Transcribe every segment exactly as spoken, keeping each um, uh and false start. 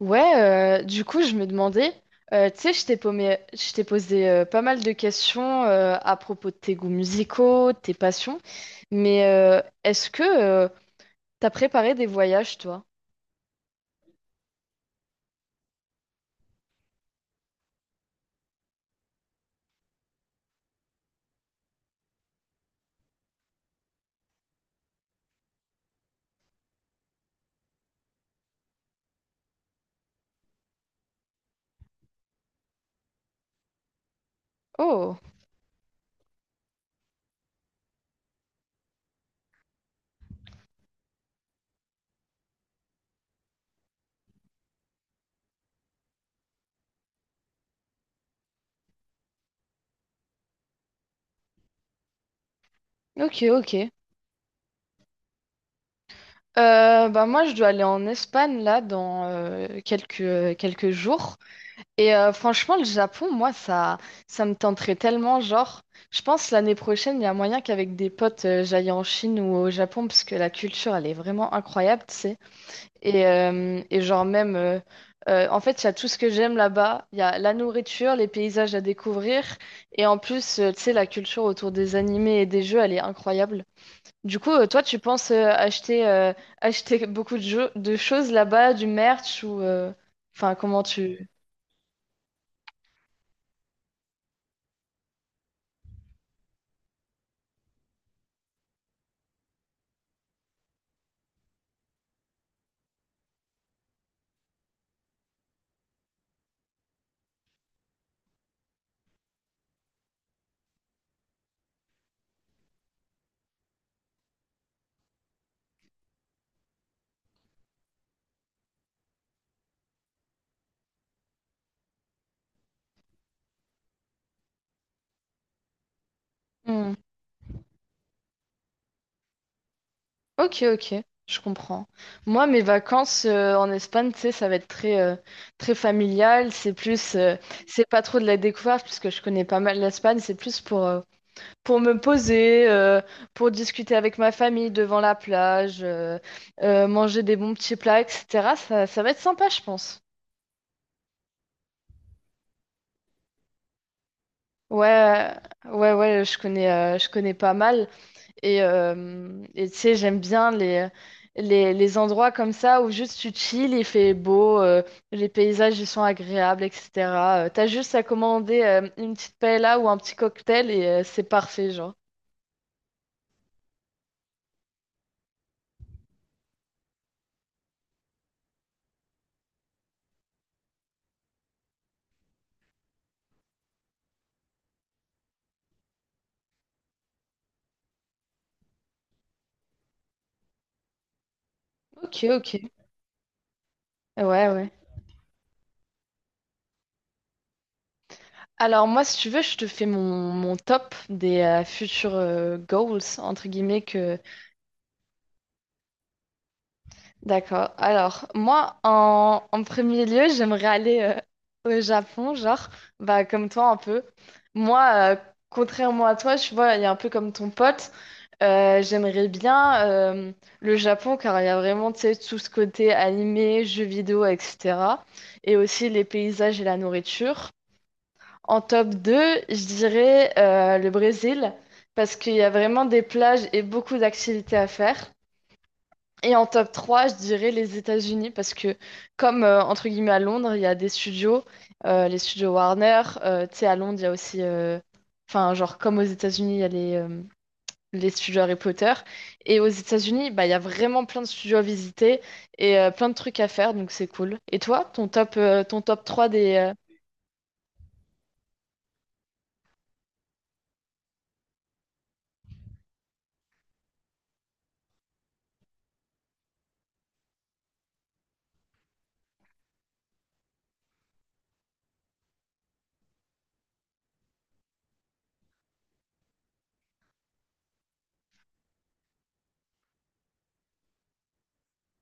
Ouais, euh, du coup, je me demandais, euh, tu sais, je t'ai paumé- je t'ai posé euh, pas mal de questions euh, à propos de tes goûts musicaux, de tes passions, mais euh, est-ce que euh, t'as préparé des voyages, toi? Oh, ok, ok. Euh, bah moi, je dois aller en Espagne, là, dans euh, quelques, euh, quelques jours. Et euh, franchement, le Japon, moi, ça, ça me tenterait tellement, genre, je pense l'année prochaine, il y a moyen qu'avec des potes, euh, j'aille en Chine ou au Japon, parce que la culture, elle est vraiment incroyable, tu sais. Et, euh, et genre même, euh, euh, en fait, il y a tout ce que j'aime là-bas. Il y a la nourriture, les paysages à découvrir. Et en plus, euh, tu sais, la culture autour des animés et des jeux, elle est incroyable. Du coup, euh, toi, tu penses euh, acheter, euh, acheter beaucoup de, jeux, de choses là-bas, du merch ou... euh, Enfin, comment tu... Hmm. Ok, ok, je comprends. Moi, mes vacances euh, en Espagne, tu sais, ça va être très, euh, très familial. C'est plus... euh, c'est pas trop de la découverte, puisque je connais pas mal l'Espagne. C'est plus pour... euh, pour me poser, euh, pour discuter avec ma famille devant la plage, euh, euh, manger des bons petits plats, et cétéra. Ça, ça va être sympa, je pense. Ouais, euh, ouais, ouais, je connais, euh, je connais pas mal. Et, euh, et tu sais, j'aime bien les, les, les endroits comme ça où juste tu chill, il fait beau, euh, les paysages, ils sont agréables, et cétéra. Euh, t'as juste à commander euh, une petite paella ou un petit cocktail et euh, c'est parfait, genre. Ok, ok. Ouais, ouais. Alors moi, si tu veux, je te fais mon, mon top des euh, futurs euh, goals, entre guillemets, que... D'accord. Alors, moi, en, en premier lieu, j'aimerais aller euh, au Japon, genre, bah, comme toi un peu. Moi, euh, contrairement à toi, tu vois, il y a un peu comme ton pote, euh, j'aimerais bien euh, le Japon, car il y a vraiment, tu sais, tout ce côté animé, jeux vidéo, et cétéra. Et aussi les paysages et la nourriture. En top deux, je dirais euh, le Brésil, parce qu'il y a vraiment des plages et beaucoup d'activités à faire. Et en top trois, je dirais les États-Unis, parce que comme, euh, entre guillemets, à Londres, il y a des studios, euh, les studios Warner, euh, tu sais, à Londres, il y a aussi, euh, enfin, genre, comme aux États-Unis, il y a les, euh, les studios Harry Potter. Et aux États-Unis, bah, il y a vraiment plein de studios à visiter et euh, plein de trucs à faire, donc c'est cool. Et toi, ton top, euh, ton top trois des... euh,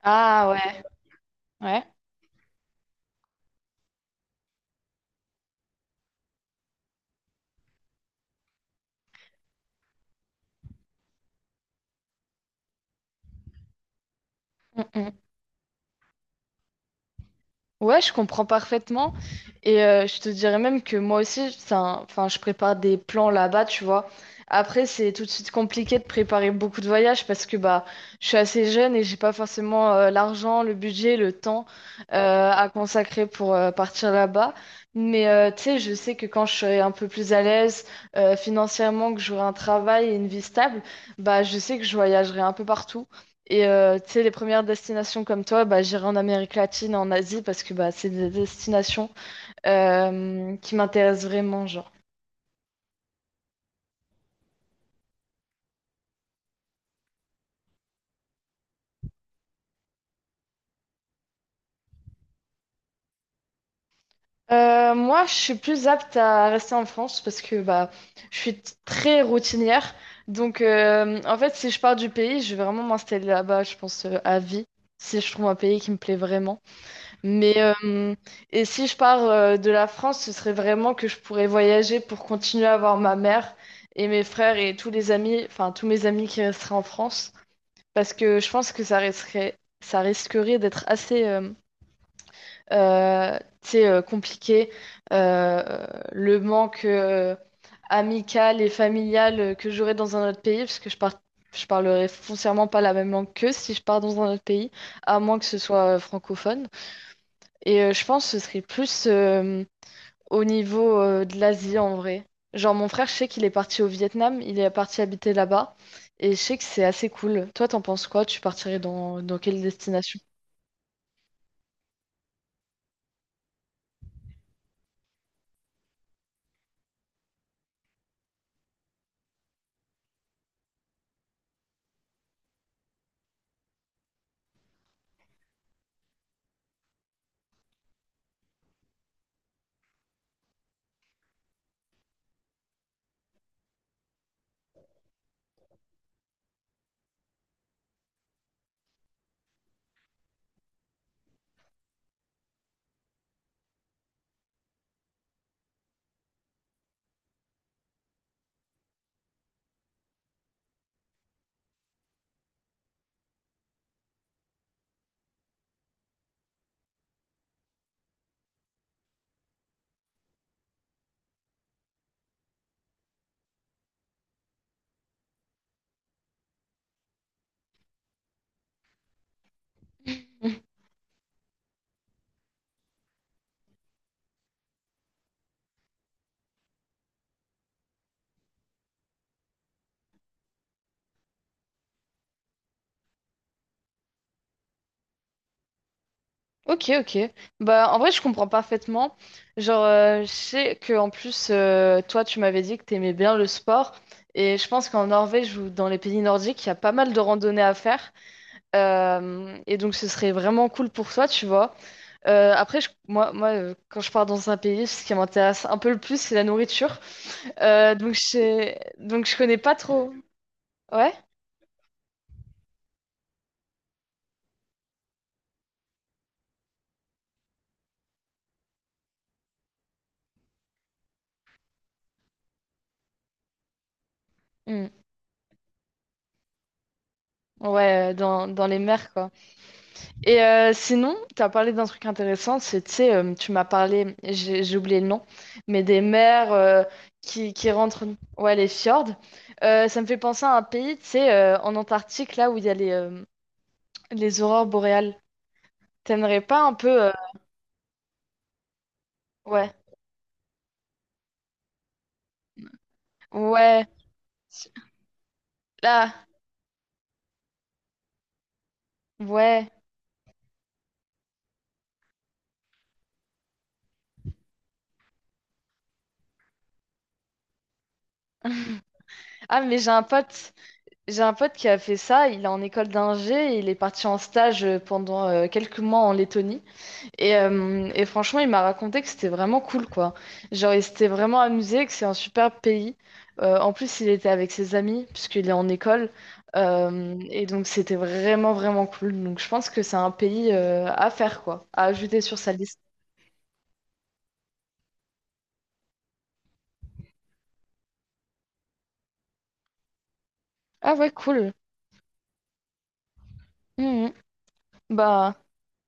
Ah ouais, ouais. Ouais, je comprends parfaitement. Et euh, je te dirais même que moi aussi, c'est un- enfin, je prépare des plans là-bas, tu vois. Après, c'est tout de suite compliqué de préparer beaucoup de voyages parce que bah, je suis assez jeune et j'ai pas forcément euh, l'argent, le budget, le temps euh, à consacrer pour euh, partir là-bas. Mais euh, tu sais, je sais que quand je serai un peu plus à l'aise euh, financièrement, que j'aurai un travail et une vie stable, bah, je sais que je voyagerai un peu partout. Et euh, tu sais, les premières destinations comme toi, bah, j'irai en Amérique latine, en Asie, parce que bah, c'est des destinations euh, qui m'intéressent vraiment, genre. Euh, moi, je suis plus apte à rester en France parce que bah, je suis t- très routinière. Donc, euh, en fait, si je pars du pays, je vais vraiment m'installer là-bas, je pense, euh, à vie, si je trouve un pays qui me plaît vraiment. Mais euh, et si je pars euh, de la France, ce serait vraiment que je pourrais voyager pour continuer à voir ma mère et mes frères et tous les amis, enfin tous mes amis qui resteraient en France, parce que je pense que ça resterait, ça risquerait d'être assez, euh, euh, tu sais, euh, compliqué euh, le manque euh, amical et familial que j'aurais dans un autre pays, parce que je par- je parlerais foncièrement pas la même langue qu'eux si je pars dans un autre pays, à moins que ce soit euh, francophone. Et euh, je pense que ce serait plus euh, au niveau euh, de l'Asie en vrai. Genre mon frère, je sais qu'il est parti au Vietnam, il est parti habiter là-bas. Et je sais que c'est assez cool. Toi, t'en penses quoi? Tu partirais dans, dans quelle destination? Ok, ok. Bah, en vrai, je comprends parfaitement. Genre, euh, je sais que en plus, euh, toi, tu m'avais dit que t'aimais bien le sport. Et je pense qu'en Norvège ou dans les pays nordiques, il y a pas mal de randonnées à faire. Euh, et donc, ce serait vraiment cool pour toi, tu vois. Euh, après, je- moi, moi euh, quand je pars dans un pays, ce qui m'intéresse un peu le plus, c'est la nourriture. Euh, donc, je... donc, je connais pas trop. Ouais? Hmm. Ouais, euh, dans, dans les mers, quoi. Et euh, sinon, tu as parlé d'un truc intéressant, c'est, tu sais, euh, tu m'as parlé, j'ai j'ai oublié le nom, mais des mers euh, qui, qui rentrent, ouais, les fjords. Euh, ça me fait penser à un pays, tu sais, euh, en Antarctique, là où il y a les, euh, les aurores boréales. T'aimerais pas un peu... euh, Ouais, ouais, là, ouais. Ah, mais j'ai un pote, j'ai un pote qui a fait ça. Il est en école d'ingé et il est parti en stage euh, pendant euh, quelques mois en Lettonie. Et, euh, et franchement, il m'a raconté que c'était vraiment cool, quoi. Genre, il s'était vraiment amusé, que c'est un super pays. Euh, en plus, il était avec ses amis, puisqu'il est en école. Euh, et donc, c'était vraiment, vraiment cool. Donc, je pense que c'est un pays euh, à faire, quoi, à ajouter sur sa liste. Ah ouais, cool. Mhm. Bah.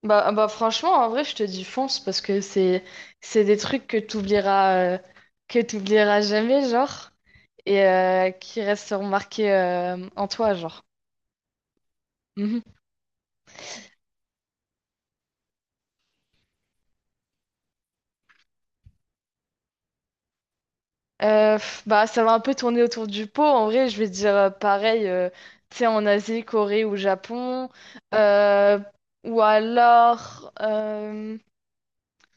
Bah, bah franchement, en vrai, je te dis fonce parce que c'est c'est des trucs que t'oublieras euh, que t'oublieras jamais, genre, et euh, qui resteront marqués euh, en toi, genre. Mhm. Euh, pff, bah, ça va un peu tourner autour du pot. En vrai, je vais te dire euh, pareil, euh, tu sais, en Asie, Corée ou Japon, euh, ou alors, euh,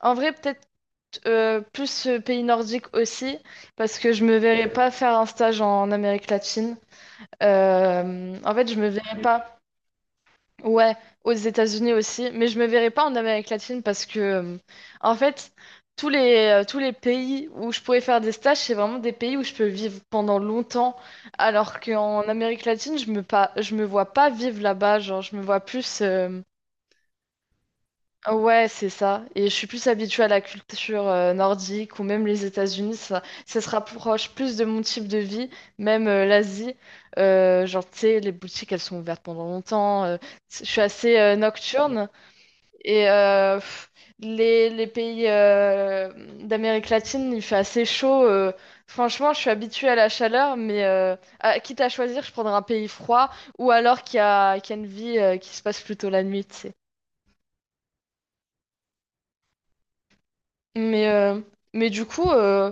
en vrai, peut-être euh, plus euh, pays nordique aussi, parce que je me verrais pas faire un stage en Amérique latine. Euh, en fait, je me verrais pas, ouais, aux États-Unis aussi, mais je me verrais pas en Amérique latine parce que, euh, en fait, tous les, euh, tous les pays où je pourrais faire des stages, c'est vraiment des pays où je peux vivre pendant longtemps, alors qu'en Amérique latine, je me pas, je me vois pas vivre là-bas, genre, je me vois plus. euh, Ouais, c'est ça. Et je suis plus habituée à la culture euh, nordique ou même les États-Unis. Ça, ça se rapproche plus de mon type de vie, même euh, l'Asie. Euh, genre, tu sais, les boutiques, elles sont ouvertes pendant longtemps. euh, je suis assez euh, nocturne. Et euh, pff, les, les pays euh, d'Amérique latine, il fait assez chaud. euh. Franchement, je suis habituée à la chaleur, mais euh, à- quitte à choisir, je prendrais un pays froid ou alors qui a, qui a une vie euh, qui se passe plutôt la nuit, tu Mais, euh, mais du coup, euh,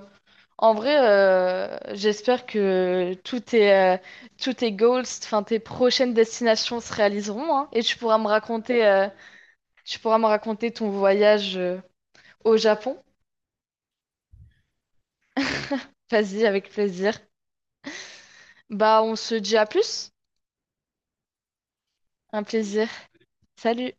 en vrai, euh, j'espère que tous tes, euh, tous tes goals, enfin tes prochaines destinations se réaliseront, hein, et tu pourras me raconter, euh, tu pourras me raconter ton voyage, euh, au Japon. Vas-y, avec plaisir. Bah, on se dit à plus. Un plaisir. Salut.